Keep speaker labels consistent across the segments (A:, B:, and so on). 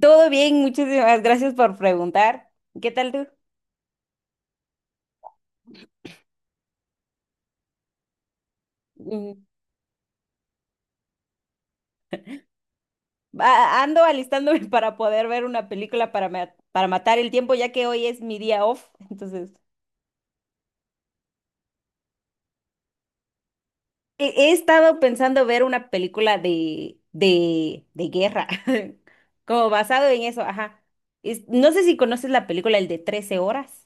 A: Todo bien, muchísimas gracias por preguntar. ¿Qué tal tú? Mm, Ando alistándome para poder ver una película para matar el tiempo, ya que hoy es mi día off. He estado pensando ver una película de guerra, como basado en eso, ajá. No sé si conoces la película El de 13 horas.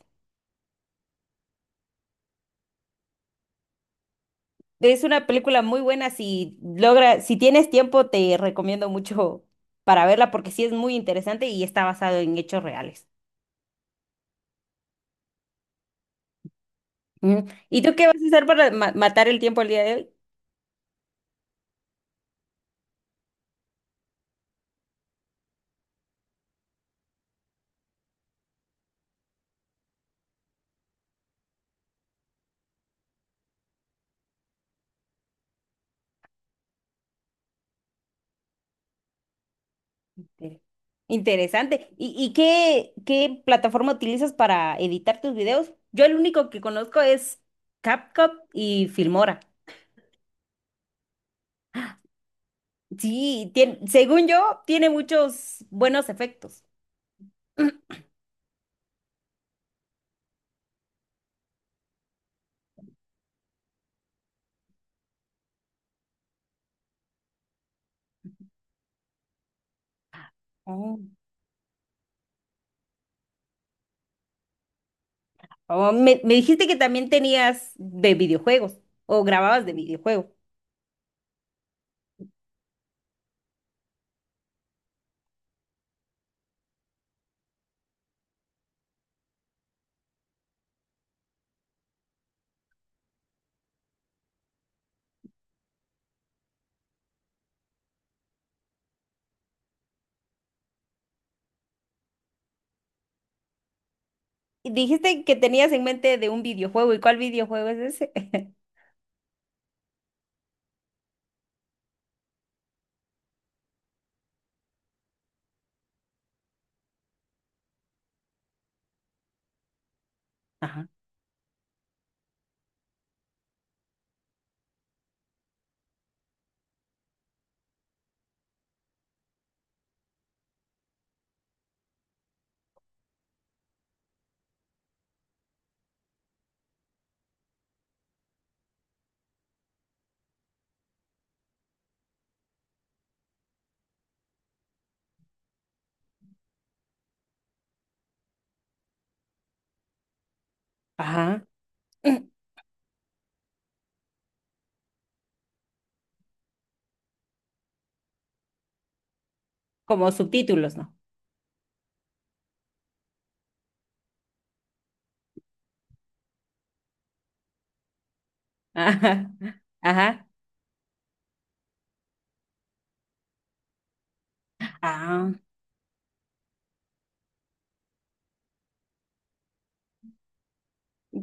A: Es una película muy buena, si tienes tiempo, te recomiendo mucho para verla porque sí es muy interesante y está basado en hechos reales. Ujú. ¿Y tú qué vas a hacer para matar el tiempo el día de hoy? Inter- Interesante. ¿Y qué plataforma utilizas para editar tus videos? Yo el único que conozco es CapCut y Filmora. Sí, según yo, tiene muchos buenos efectos. Oh. Oh, me dijiste que también tenías de videojuegos o grababas de videojuegos. Y dijiste que tenías en mente de un videojuego. ¿Y cuál videojuego es ese? Ajá. Ajá. Como subtítulos, ¿no? Ajá. Ajá. Ah,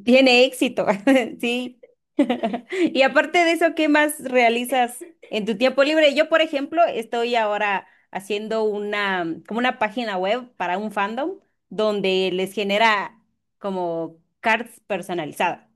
A: tiene éxito. Sí. Y aparte de eso, ¿qué más realizas en tu tiempo libre? Yo, por ejemplo, estoy ahora haciendo una, como una página web para un fandom donde les genera como cards personalizadas.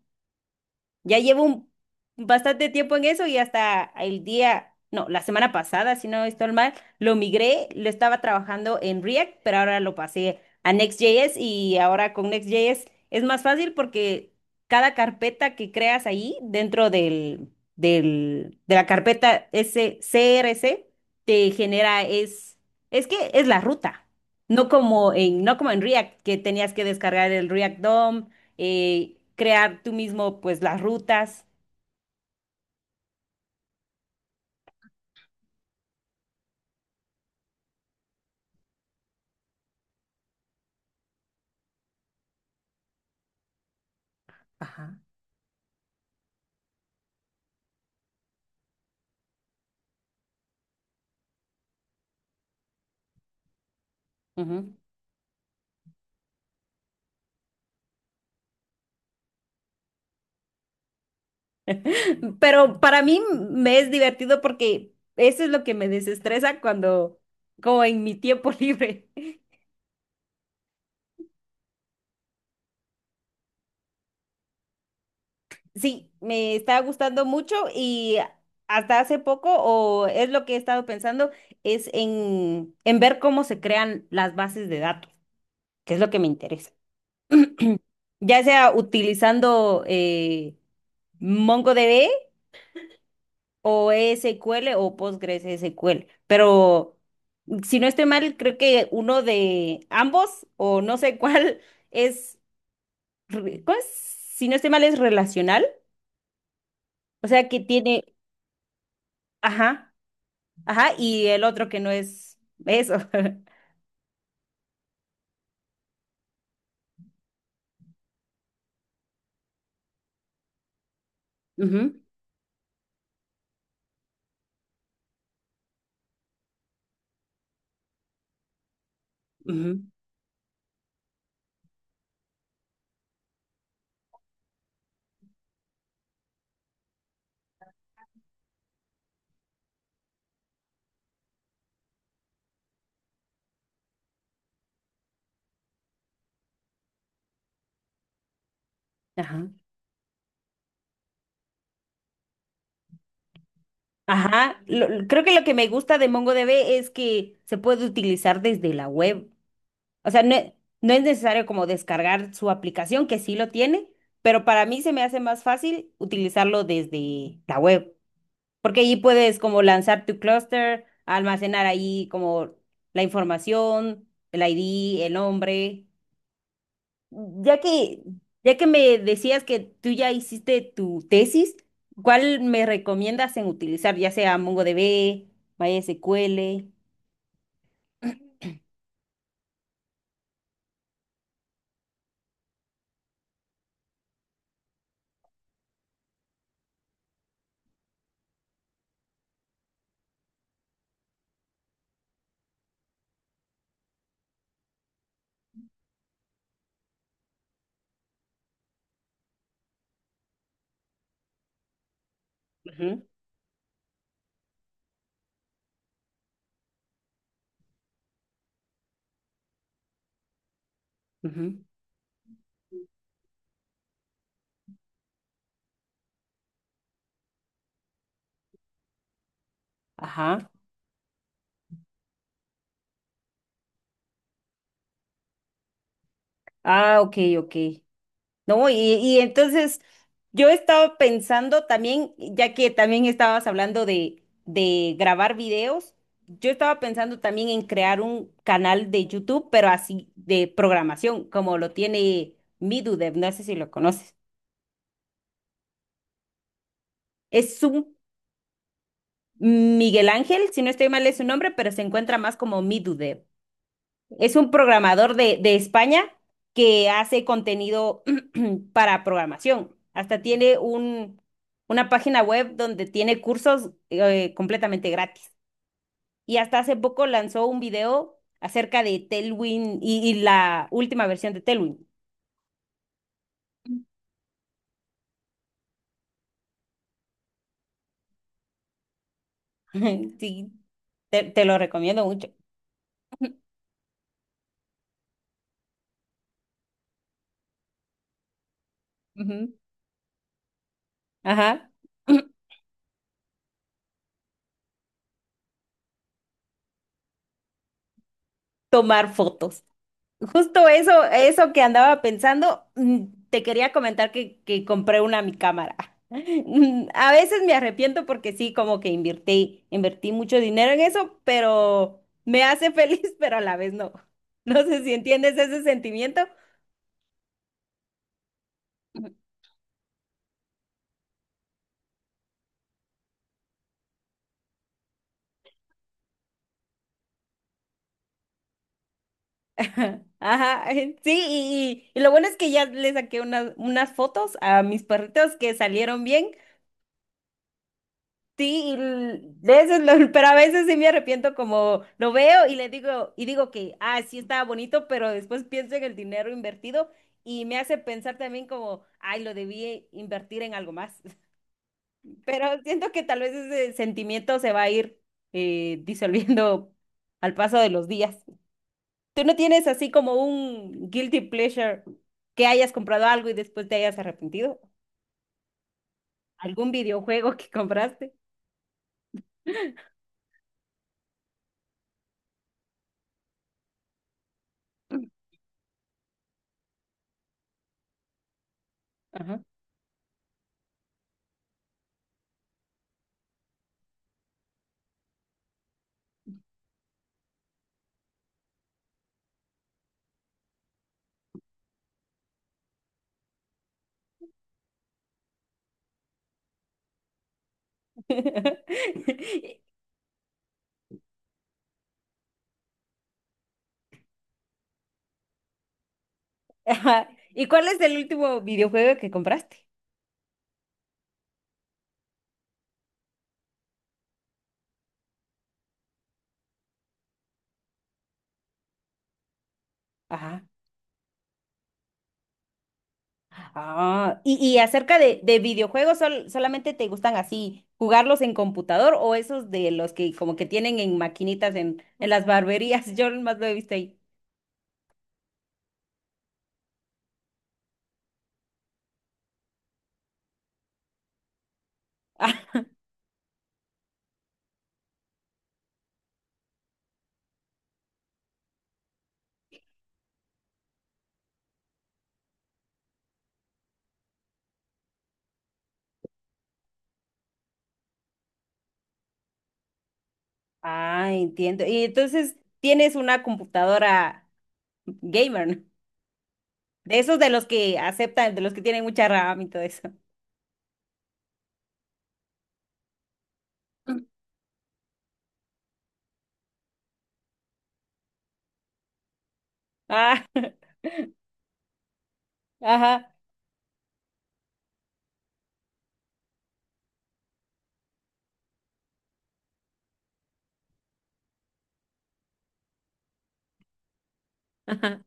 A: Ya bastante tiempo en eso y hasta el día, no, la semana pasada, si no estoy mal, lo migré, lo estaba trabajando en React, pero ahora lo pasé a Next.js, y ahora con Next.js es más fácil porque cada carpeta que creas ahí dentro de la carpeta ese CRC te genera es que es la ruta. No como en React, que tenías que descargar el React DOM, crear tú mismo pues las rutas. Ajá. Ujú. Pero para mí me es divertido porque eso es lo que me desestresa cuando, como en mi tiempo libre. Sí, me está gustando mucho y hasta hace poco, o es lo que he estado pensando, es en ver cómo se crean las bases de datos, que es lo que me interesa. Ya sea utilizando MongoDB o SQL o Postgres SQL. Pero si no estoy mal, creo que uno de ambos, o no sé cuál, es, ¿cómo es? Si no estoy mal, es relacional. O sea que tiene, ajá, ajá, y el otro que no es eso. Ujú, ujú. Ajá. Ajá. Creo que lo que me gusta de MongoDB es que se puede utilizar desde la web. O sea, no, no es necesario como descargar su aplicación, que sí lo tiene, pero para mí se me hace más fácil utilizarlo desde la web, porque ahí puedes como lanzar tu clúster, almacenar ahí como la información, el ID, el nombre. Ya que, ya que me decías que tú ya hiciste tu tesis, ¿cuál me recomiendas en utilizar, ya sea MongoDB, MySQL? Ujú, ujú. Ajá. Ah, ok, ok. No, y entonces yo estaba pensando también, ya que también estabas hablando de grabar videos, yo estaba pensando también en crear un canal de YouTube, pero así de programación, como lo tiene Midudev, no sé si lo conoces. Es un Miguel Ángel, si no estoy mal es su nombre, pero se encuentra más como Midudev. Es un programador de España que hace contenido para programación. Hasta tiene un, una página web donde tiene cursos completamente gratis. Y hasta hace poco lanzó un video acerca de Tailwind y la última versión de Tailwind. Sí, te lo recomiendo mucho. Ujú. Ajá. Tomar fotos. Justo eso, eso que andaba pensando, mm, te quería comentar que compré una mi cámara. Mm, a veces me arrepiento porque sí, como que invertí mucho dinero en eso, pero me hace feliz, pero a la vez no. No sé si entiendes ese sentimiento. Ajá, sí, y lo bueno es que ya le saqué unas fotos a mis perritos que salieron bien. Sí, y de veces pero a veces sí me arrepiento como lo veo y le digo y digo que ah, sí estaba bonito, pero después pienso en el dinero invertido y me hace pensar también como, ay, lo debí invertir en algo más. Pero siento que tal vez ese sentimiento se va a ir disolviendo al paso de los días. ¿Tú no tienes así como un guilty pleasure que hayas comprado algo y después te hayas arrepentido? ¿Algún videojuego que compraste? Ajá. Ajá. ¿Y cuál es el último videojuego que compraste? Ajá. Ah, y acerca de videojuegos, ¿solamente te gustan así jugarlos en computador o esos de los que como que tienen en maquinitas en las barberías? Yo más lo he visto ahí. Ah, entiendo. Y entonces tienes una computadora gamer, ¿no? De esos de los que aceptan, de los que tienen mucha RAM y todo eso. Ah, ajá, ajá,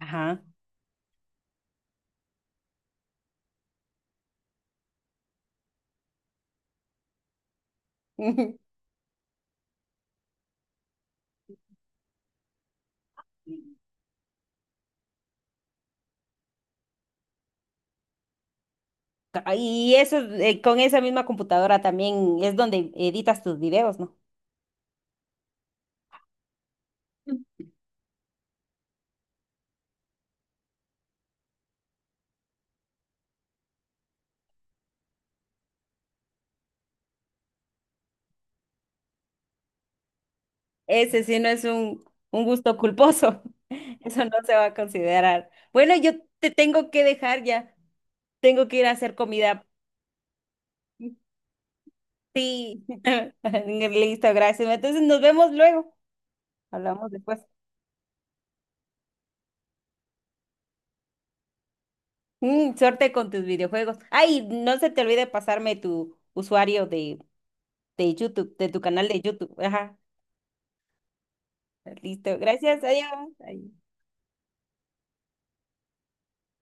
A: ajá. Ah, y eso, con esa misma computadora también es donde editas tus videos, ¿no? Ese sí no es un gusto culposo. Eso no se va a considerar. Bueno, yo te tengo que dejar ya. Tengo que ir a hacer comida. Sí. Listo, gracias. Entonces nos vemos luego. Hablamos después. Mm, suerte con tus videojuegos. Ay, no se te olvide pasarme tu usuario de YouTube, de tu canal de YouTube. Ajá. Listo. Gracias. Adiós. Ay.